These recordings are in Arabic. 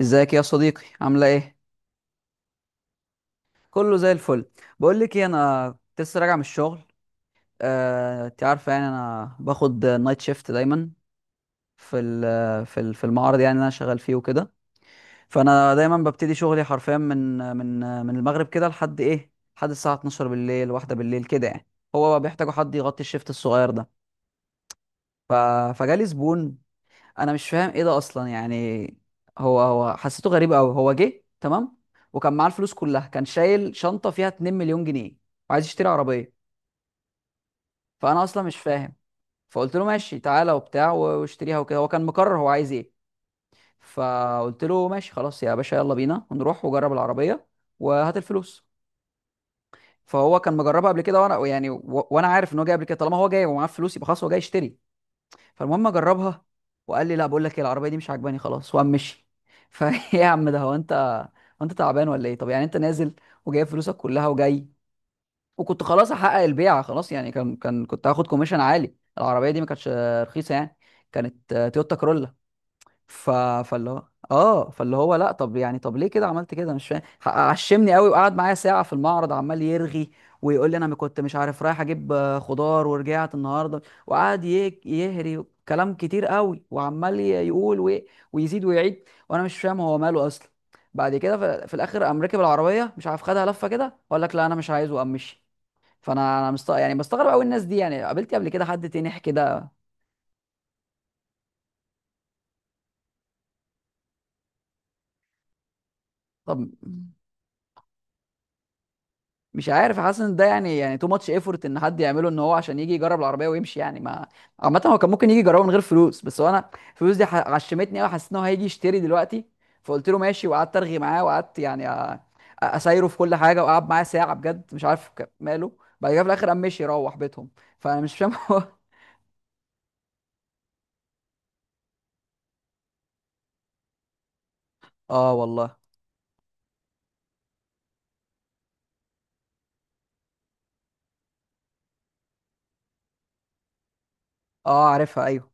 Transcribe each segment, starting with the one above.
ازيك يا صديقي، عامله ايه؟ كله زي الفل. بقول لك ايه، انا كنت لسه راجع من الشغل. انت عارفه يعني انا باخد نايت شيفت دايما في المعرض يعني اللي انا شغال فيه وكده. فانا دايما ببتدي شغلي حرفيا من من المغرب كده لحد ايه، لحد الساعه 12 بالليل، واحدة بالليل كده يعني. هو بيحتاجوا حد يغطي الشيفت الصغير ده. ف... فجالي زبون. انا مش فاهم ايه ده اصلا يعني. هو حسيته غريب قوي، هو جه تمام وكان معاه الفلوس كلها، كان شايل شنطه فيها 2 مليون جنيه وعايز يشتري عربيه. فانا اصلا مش فاهم. فقلت له ماشي تعالى وبتاع واشتريها وكده، هو كان مقرر هو عايز ايه. فقلت له ماشي خلاص يا باشا، يلا بينا ونروح وجرب العربيه وهات الفلوس. فهو كان مجربها قبل كده وانا يعني وانا عارف ان هو جاي قبل كده، طالما هو جاي ومعاه فلوس يبقى خلاص هو جاي يشتري. فالمهم اجربها، وقال لي لا بقول لك ايه، العربيه دي مش عاجباني خلاص، وقام مشي. فايه يا عم ده، هو انت هو انت تعبان ولا ايه؟ طب يعني انت نازل وجايب فلوسك كلها وجاي، وكنت خلاص احقق البيعه خلاص يعني. كان كنت هاخد كوميشن عالي، العربيه دي ما كانتش رخيصه يعني، كانت تويوتا كرولا. ف... فاللي هو لا، طب يعني طب ليه كده عملت كده؟ مش فاهم. عشمني قوي، وقعد معايا ساعة في المعرض عمال يرغي ويقول لي انا ما كنت مش عارف، رايح اجيب خضار ورجعت النهارده. وقعد يهري كلام كتير قوي، وعمال يقول ويزيد ويعيد، وانا مش فاهم هو ماله اصلا. بعد كده في الاخر قام راكب العربيه، مش عارف، خدها لفه كده وقال لك لا انا مش عايز وقام مشي. فانا انا يعني بستغرب قوي الناس دي. يعني قابلتي قبل كده حد تنح كده؟ طب مش عارف، حاسس ان ده يعني تو ماتش ايفورت ان حد يعمله، ان هو عشان يجي يجرب العربيه ويمشي يعني ما. عامه هو كان ممكن يجي يجربه من غير فلوس، بس هو انا الفلوس دي عشمتني قوي، حسيت ان هو هيجي يشتري دلوقتي. فقلت له ماشي، وقعدت ارغي معاه، وقعدت يعني أ- اسايره في كل حاجه، وقعد معاه ساعه بجد، مش عارف ماله. بعد كده في الاخر قام مشي يروح بيتهم. فانا مش فاهم هو. اه والله. اه عارفها، ايوه.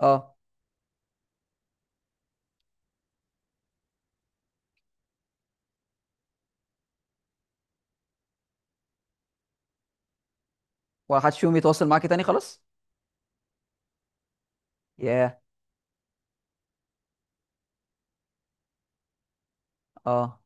اه، ولا حد فيهم يتواصل معاك تاني خلاص. ياه. اه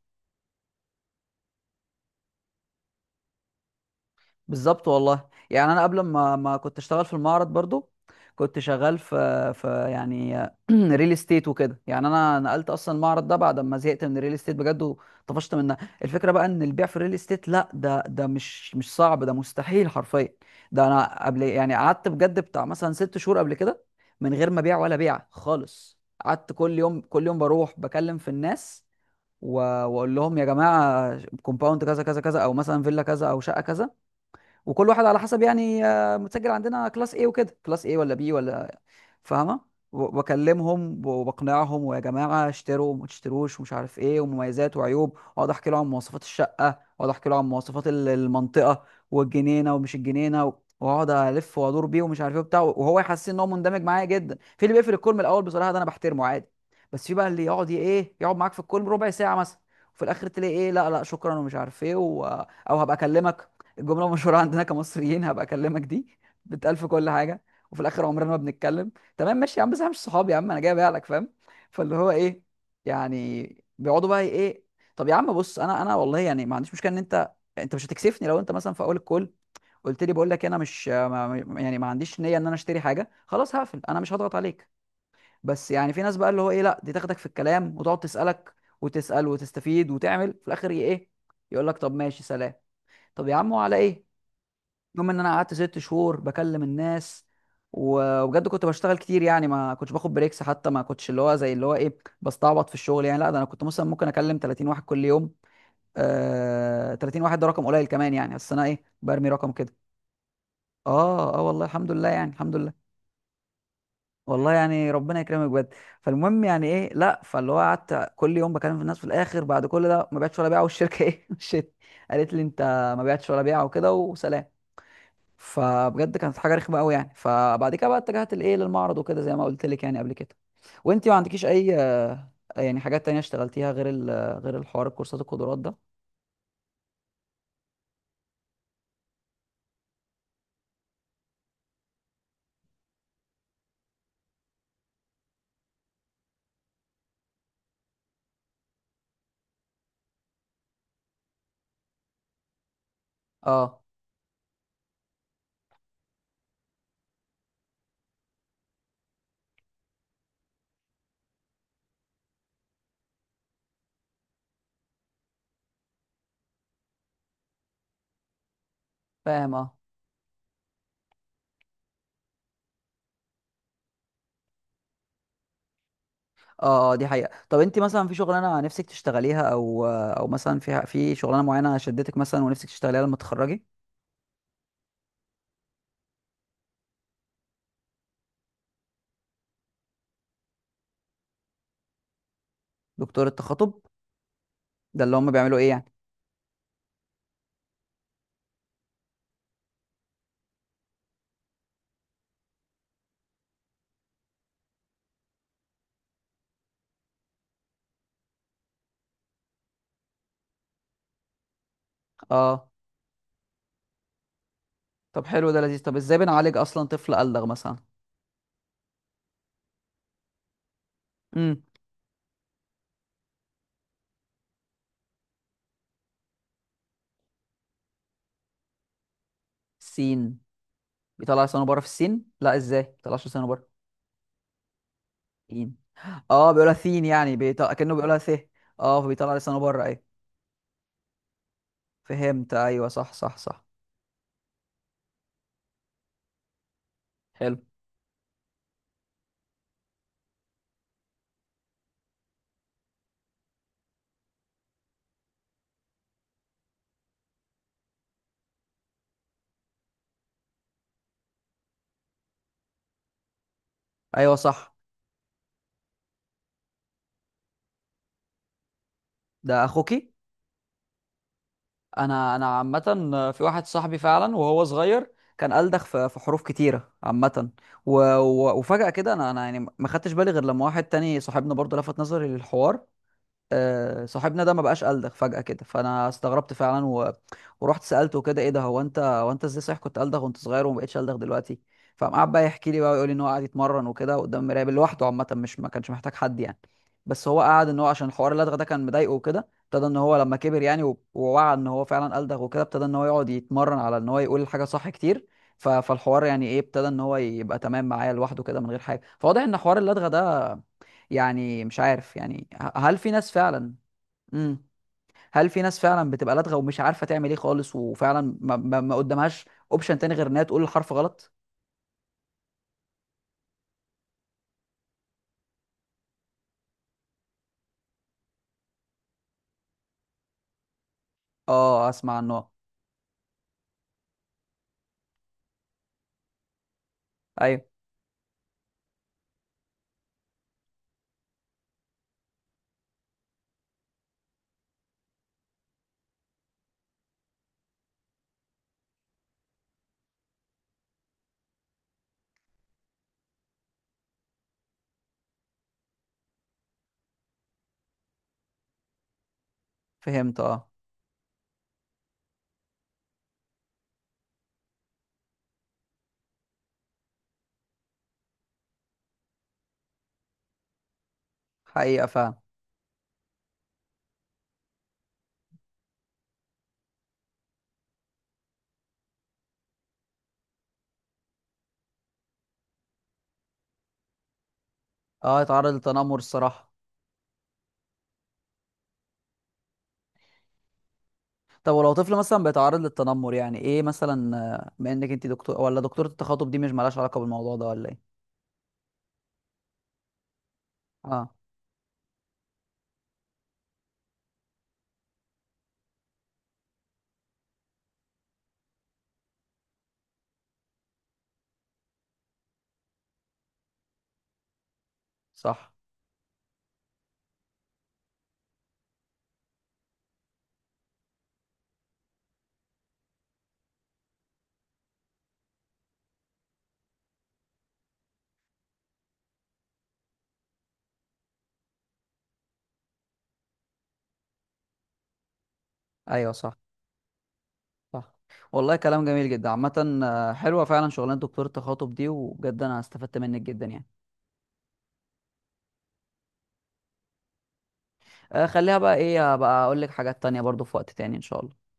بالظبط والله. يعني انا قبل ما كنت اشتغل في المعرض برضو، كنت شغال في يعني ريل استيت وكده. يعني انا نقلت اصلا المعرض ده بعد ما زهقت من الريل استيت بجد وطفشت منها. الفكره بقى ان البيع في الريل استيت لا، ده مش صعب، ده مستحيل حرفيا. ده انا قبل يعني قعدت بجد بتاع مثلا 6 شهور قبل كده من غير ما بيع ولا بيع خالص. قعدت كل يوم كل يوم بروح بكلم في الناس و- واقول لهم يا جماعه كومباوند كذا كذا كذا، او مثلا فيلا كذا، او شقه كذا، وكل واحد على حسب يعني متسجل عندنا كلاس ايه وكده، كلاس ايه ولا بي ولا، فاهمه؟ واكلمهم وبقنعهم، ويا جماعه اشتروا وما تشتروش ومش عارف ايه، ومميزات وعيوب، واقعد احكي له عن مواصفات الشقه، واقعد احكي له عن مواصفات المنطقه، والجنينه ومش الجنينه، واقعد الف وادور بيه ومش عارف ايه وبتاع، وهو يحس ان هو مندمج معايا جدا. في اللي بيقفل الكول من الاول، بصراحه ده انا بحترمه عادي. بس في بقى اللي يقعد ايه، يقعد معاك في الكول ربع ساعه مثلا، وفي الاخر تلاقي ايه، لا لا شكرا ومش عارف ايه او هبقى اكلمك. الجمله المشهوره عندنا كمصريين، هبقى اكلمك دي بتألف كل حاجه، وفي الاخر عمرنا ما بنتكلم. تمام ماشي يا عم، بس احنا مش صحاب يا عم، انا جاي لك، فاهم؟ فاللي هو ايه يعني، بيقعدوا بقى ايه. طب يا عم بص، انا والله يعني ما عنديش مشكله ان انت، انت مش هتكسفني لو انت مثلا في اول الكول قلت لي بقول لك انا مش ما يعني ما عنديش نيه ان انا اشتري حاجه، خلاص هقفل، انا مش هضغط عليك. بس يعني في ناس بقى اللي هو ايه، لا دي تاخدك في الكلام وتقعد تسالك وتسال وتستفيد، وتعمل في الاخر ايه، يقول لك طب ماشي سلام. طب يا عم وعلى ايه؟ المهم ان انا قعدت 6 شهور بكلم الناس، وبجد كنت بشتغل كتير، يعني ما كنتش باخد بريكس، حتى ما كنتش اللي هو زي اللي هو ايه بستعبط في الشغل يعني. لا ده انا كنت مثلا ممكن اكلم 30 واحد كل يوم، آه 30 واحد ده رقم قليل كمان يعني، بس انا ايه، برمي رقم كده. اه اه والله، الحمد لله يعني، الحمد لله. والله يعني ربنا يكرمك بجد. فالمهم يعني ايه، لا فاللي هو قعدت كل يوم بكلم في الناس، في الاخر بعد كل ده ما بعتش ولا بيعه، والشركه ايه مشيت، قالت لي انت ما بعتش ولا بيعه وكده وسلام. فبجد كانت حاجه رخمه قوي يعني. فبعد كده بقى اتجهت لايه، للمعرض وكده زي ما قلت لك يعني قبل كده. وانت ما عندكيش اي يعني حاجات تانية اشتغلتيها غير غير الحوار الكورسات القدرات ده؟ اه فاهم. اه اه. آه، دي حقيقة. طب انت مثلا في شغلانة نفسك تشتغليها، او مثلا في شغلانة معينة شدتك مثلا ونفسك تشتغليها لما تتخرجي؟ دكتور التخاطب ده اللي هم بيعملوا ايه يعني؟ اه. طب حلو، ده لذيذ. طب ازاي بنعالج اصلا طفل ألدغ مثلا؟ امم. سين؟ بيطلع لسانه بره في السين؟ لا ازاي، ما بيطلعش لسانه بره. سين. اه بيقولها سين، يعني بيطلع كأنه بيقولها س. اه، فبيطلع لسانه بره ايه. فهمت، ايوه صح صح صح. حلو. ايوه صح. ده اخوكي؟ انا عامه، في واحد صاحبي فعلا وهو صغير كان ألدغ في حروف كتيره عامه، و... وفجأة كده انا يعني ما خدتش بالي غير لما واحد تاني صاحبنا برضه لفت نظري للحوار. صاحبنا ده ما بقاش قلدغ فجأة كده. فانا استغربت فعلا ورحت سألته كده ايه ده، هو انت ازاي، صحيح كنت قلدغ وانت صغير وما بقتش قلدغ دلوقتي؟ فقام قعد بقى يحكي لي بقى، ويقول لي ان هو قاعد يتمرن وكده قدام المرايه لوحده عامة، مش ما كانش محتاج حد يعني. بس هو قعد ان هو عشان حوار اللدغه ده كان مضايقه وكده، ابتدى ان هو لما كبر يعني ووعى ان هو فعلا قلدغ، وكده ابتدى ان هو يقعد يتمرن على ان هو يقول الحاجه صح كتير. فالحوار يعني ايه، ابتدى ان هو يبقى تمام معايا لوحده كده من غير حاجه. فواضح ان حوار اللدغه ده، يعني مش عارف، يعني هل في ناس فعلا. امم. هل في ناس فعلا بتبقى لدغة ومش عارفة تعمل ايه خالص، وفعلا ما قدامهاش اوبشن تاني غير انها تقول الحرف غلط؟ اه اسمع عنه. ايوه فهمت، اه. حقيقة فعلا. اه يتعرض للتنمر، الصراحة. طب ولو طفل مثلا بيتعرض للتنمر يعني ايه مثلا، بما انك انت دكتور ولا دكتورة التخاطب، دي مش مالهاش علاقة بالموضوع ده ولا ايه؟ اه صح. ايوه صح صح. والله كلام جميل جدا عامة، حلوة فعلا شغلانة دكتور التخاطب دي، وبجد أنا استفدت منك جدا يعني. آه، خليها بقى إيه بقى، أقول لك حاجات تانية برضو في وقت تاني إن شاء الله.